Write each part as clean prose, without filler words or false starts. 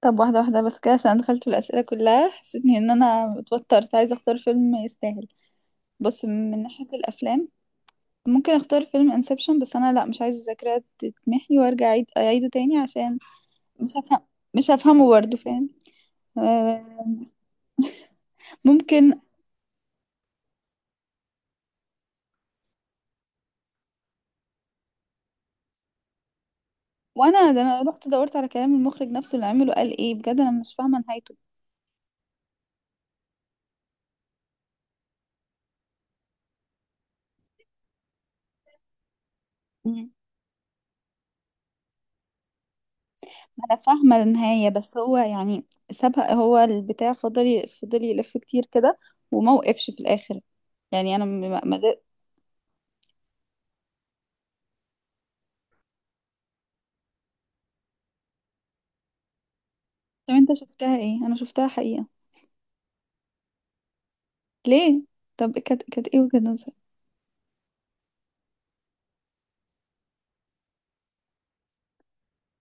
طب واحدة واحدة بس كده عشان أنا دخلت في الأسئلة كلها حسيت إني إن أنا اتوترت عايزة أختار فيلم يستاهل. بص، من ناحية الأفلام، ممكن أختار فيلم انسبشن، بس أنا لأ، مش عايزة الذاكرة تتمحي وأرجع أعيده تاني عشان مش هفهم، مش هفهمه برضه، فاهم؟ آه، ممكن. وأنا ده أنا رحت دورت على كلام المخرج نفسه اللي عمله، قال إيه؟ بجد أنا مش فاهمة نهايته. مم. أنا فاهمة النهاية بس هو يعني سابها، هو البتاع فضل يلف كتير كده وموقفش في الآخر. يعني انا طب انت شفتها ايه؟ انا شفتها حقيقة. ليه؟ طب كانت ايه وجهة نظرك؟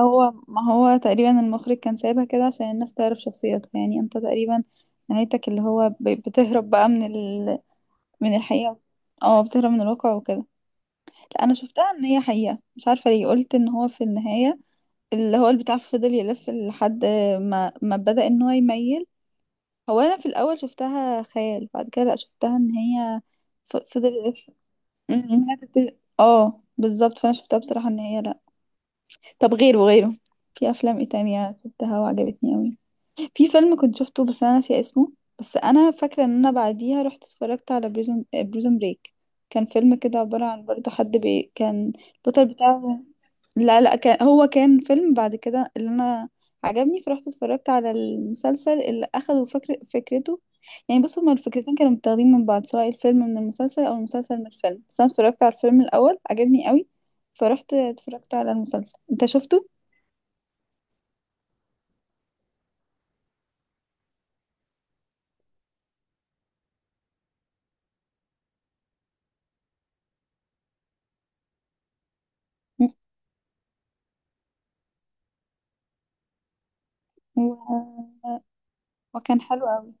هو ما هو تقريبا المخرج كان سايبها كده عشان الناس تعرف شخصيتها، يعني انت تقريبا نهايتك اللي هو بتهرب بقى من ال... من الحقيقة. اه، بتهرب من الواقع وكده. لا انا شفتها ان هي حقيقة، مش عارفة ليه قلت ان هو في النهاية اللي هو البتاع فضل يلف لحد ما بدأ ان هو يميل. هو انا في الاول شفتها خيال، بعد كده لا شفتها ان هي فضل يلف. هي تبتدي، اه بالظبط، فانا شفتها بصراحة ان هي لا. طب غيره، في افلام ايه تانية شفتها وعجبتني اوي؟ في فيلم كنت شفته بس انا ناسية اسمه، بس انا فاكرة ان انا بعديها رحت اتفرجت على بريزون بريك. كان فيلم كده عبارة عن برضه حد كان البطل بتاعه، لا لا كان هو كان فيلم بعد كده اللي انا عجبني فرحت اتفرجت على المسلسل اللي اخدوا فكرته. يعني بص، هما الفكرتين كانوا متاخدين من بعض، سواء الفيلم من المسلسل او المسلسل من الفيلم، بس انا اتفرجت على الفيلم الاول، عجبني قوي، فرحت اتفرجت على المسلسل. انت شفته؟ مم. و... وكان حلو قوي.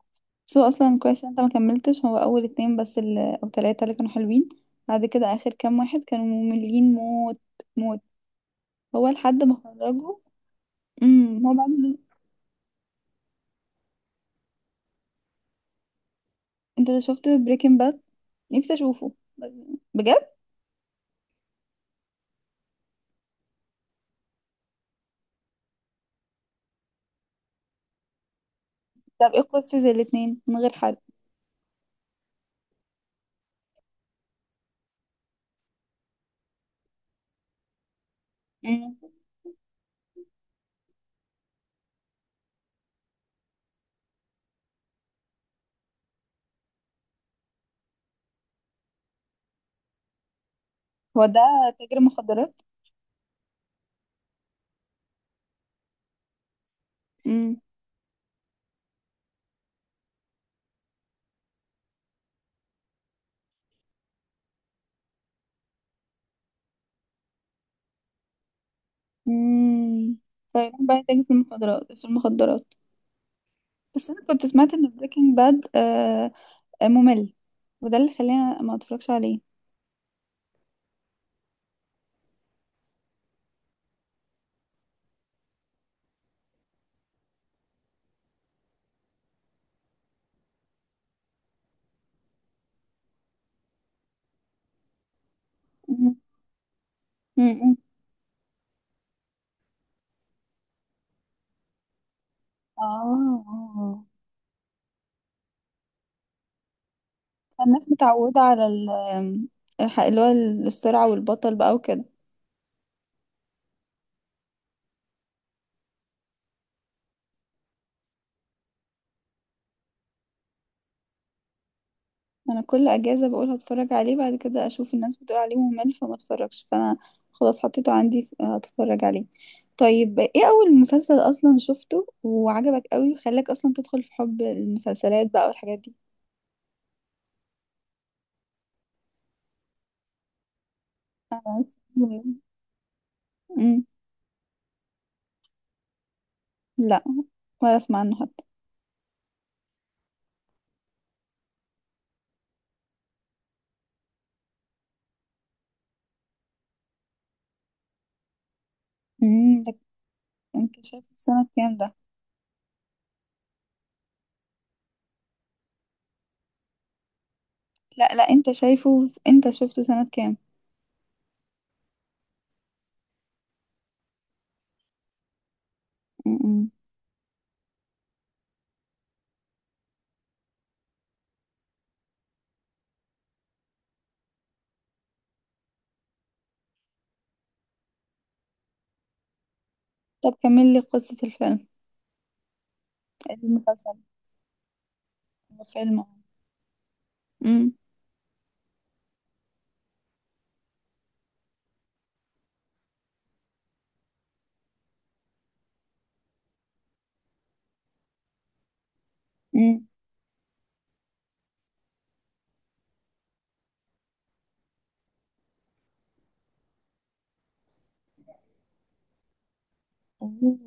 بس هو اصلا كويس إن انت ما كملتش، هو اول اتنين بس اللي... او تلاتة اللي كانوا حلوين، بعد كده اخر كام واحد كانوا مملين موت. موت. هو لحد ما خرجوا. امم، هو بعد. انت شفت بريكنج باد؟ نفسي اشوفه، بجد. طب ايه قصة الاتنين من غير حرق؟ مم. هو ده تاجر مخدرات. امم. امم. فيروح بقى تاجر في المخدرات. بس انا كنت سمعت ان بريكنج باد آه، آه، ممل، وده اللي خلاني ما اتفرجش عليه. مم. مم. اه، الناس متعودة على اللي هو السرعة والبطل بقى. انا كل اجازه بقول هتفرج عليه، بعد كده اشوف الناس بتقول عليه ممل فما اتفرجش، فانا خلاص حطيته عندي، هتفرج عليه. طيب ايه اول مسلسل اصلا شفته وعجبك قوي وخلاك اصلا تدخل في حب المسلسلات بقى والحاجات دي؟ أنا أصلاً- أمم، لا، ولا اسمع عنه حتى. ده، انت شايفه في سنه كام ده؟ لا لا، انت شايفه انت شفته سنه كام؟ أمم. طب كمل لي قصه الفيلم، المسلسل، الفيلم. أمم. أمم.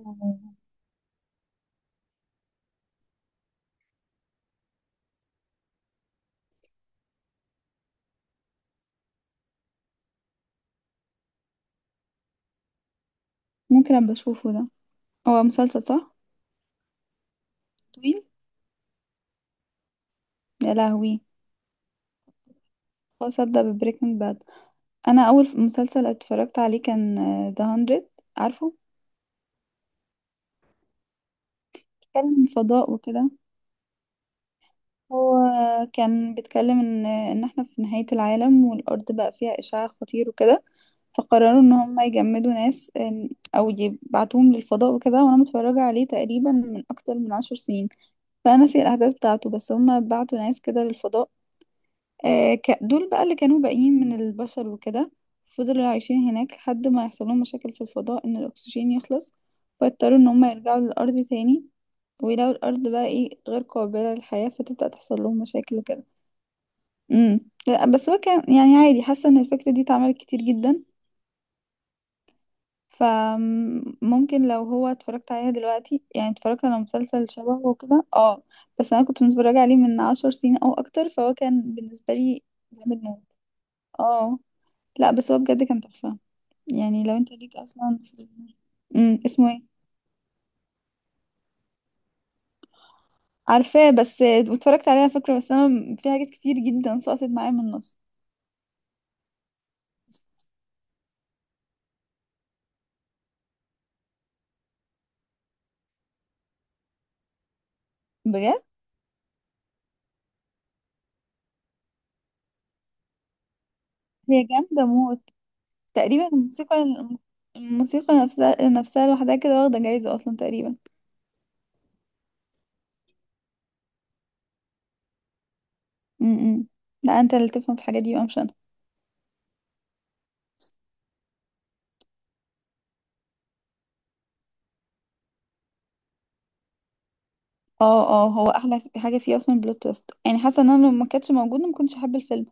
ممكن ابقى اشوفه ده؟ هو مسلسل صح؟ طويل، يا لهوي. خلاص ابدا ببريكنج باد. انا اول مسلسل اتفرجت عليه كان ذا هندرد، عارفه؟ بيتكلم فضاء وكده. هو كان بيتكلم ان احنا في نهاية العالم، والارض بقى فيها اشعاع خطير وكده، فقرروا ان هم يجمدوا ناس او يبعتوهم للفضاء وكده. وانا متفرجة عليه تقريبا من اكتر من عشر سنين، فانا ناسي الاحداث بتاعته، بس هم بعتوا ناس كده للفضاء. آه، دول بقى اللي كانوا باقيين من البشر وكده، فضلوا عايشين هناك لحد ما يحصل لهم مشاكل في الفضاء ان الاكسجين يخلص، فاضطروا ان هم يرجعوا للارض تاني، ويلاقوا الارض بقى ايه، غير قابلة للحياة، فتبدأ تحصل لهم مشاكل وكده. امم. لا بس هو كان يعني عادي، حاسة ان الفكرة دي اتعملت كتير جدا، فممكن لو هو اتفرجت عليها دلوقتي، يعني اتفرجت على مسلسل شبهه وكده، اه. بس انا كنت متفرجة عليه من عشر سنين او اكتر، فهو كان بالنسبة لي جامد موت. اه. لا بس هو بجد كان تحفة. يعني لو انت ليك اصلا في. امم، اسمه ايه؟ عارفاه، بس اتفرجت عليها فكرة، بس انا في حاجات كتير جدا سقطت معايا من النص. بجد، هي جامدة موت. تقريبا الموسيقى، الموسيقى نفسها لوحدها كده واخدة جايزة اصلا تقريبا. امم. لا انت اللي تفهم في الحاجات دي بقى مش انا. اه اه. هو احلى حاجة فيه اصلا البلوت تويست، يعني حاسة ان انا لو ما كانتش موجودة ما كنتش احب الفيلم.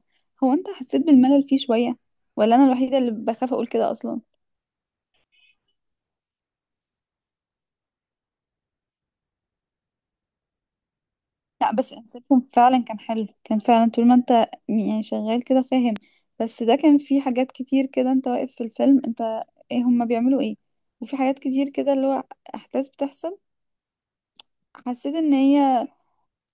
هو انت حسيت بالملل فيه شوية ولا انا الوحيدة اللي بخاف اقول كده اصلا؟ لا، بس انسبشن فعلا كان حلو، كان فعلا طول ما انت يعني شغال كده فاهم. بس ده كان فيه حاجات كتير كده، انت واقف في الفيلم، انت ايه هما بيعملوا ايه؟ وفي حاجات كتير كده اللي هو احداث بتحصل، حسيت ان هي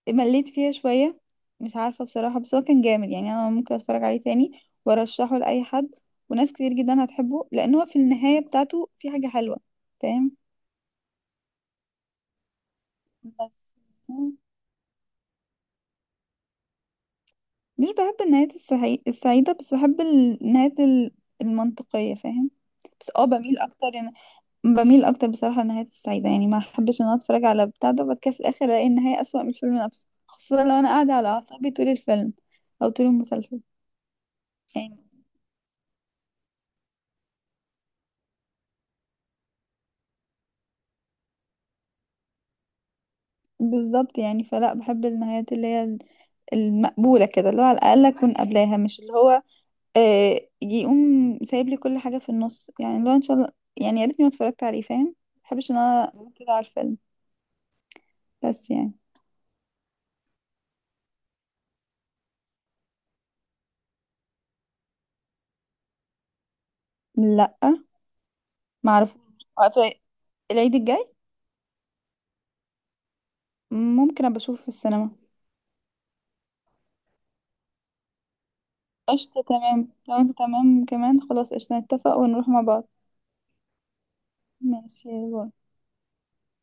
مليت فيها شوية، مش عارفة بصراحة. بس هو كان جامد يعني، انا ممكن اتفرج عليه تاني وارشحه لأي حد، وناس كتير جدا هتحبه لان هو في النهاية بتاعته في حاجة حلوة، فاهم. بس مش بحب النهايات السعيدة بس، بحب النهايات المنطقية، فاهم؟ بس اه بميل اكتر يعني، بميل اكتر بصراحة للنهايات السعيدة، يعني ما احبش ان انا اتفرج على بتاع ده وبعد كده في الاخر الاقي النهاية اسوأ من الفيلم نفسه، خاصة لو انا قاعدة على اعصابي طول الفيلم او طول المسلسل، يعني. بالظبط يعني، فلا بحب النهايات اللي هي المقبولة كده، اللي هو على الأقل أكون قبلاها، مش اللي هو آه يقوم سايب لي كل حاجة في النص، يعني اللي هو إن شاء الله يعني يا ريتني ما اتفرجت عليه، فاهم. محبش إن أنا أقول كده على الفيلم، بس يعني. لا، معرفوش. آه، في العيد الجاي، ممكن ابقى اشوفه في السينما. قشطة، تمام، لو انت تمام كمان خلاص قشطة، نتفق ونروح مع بعض. ماشي، باي.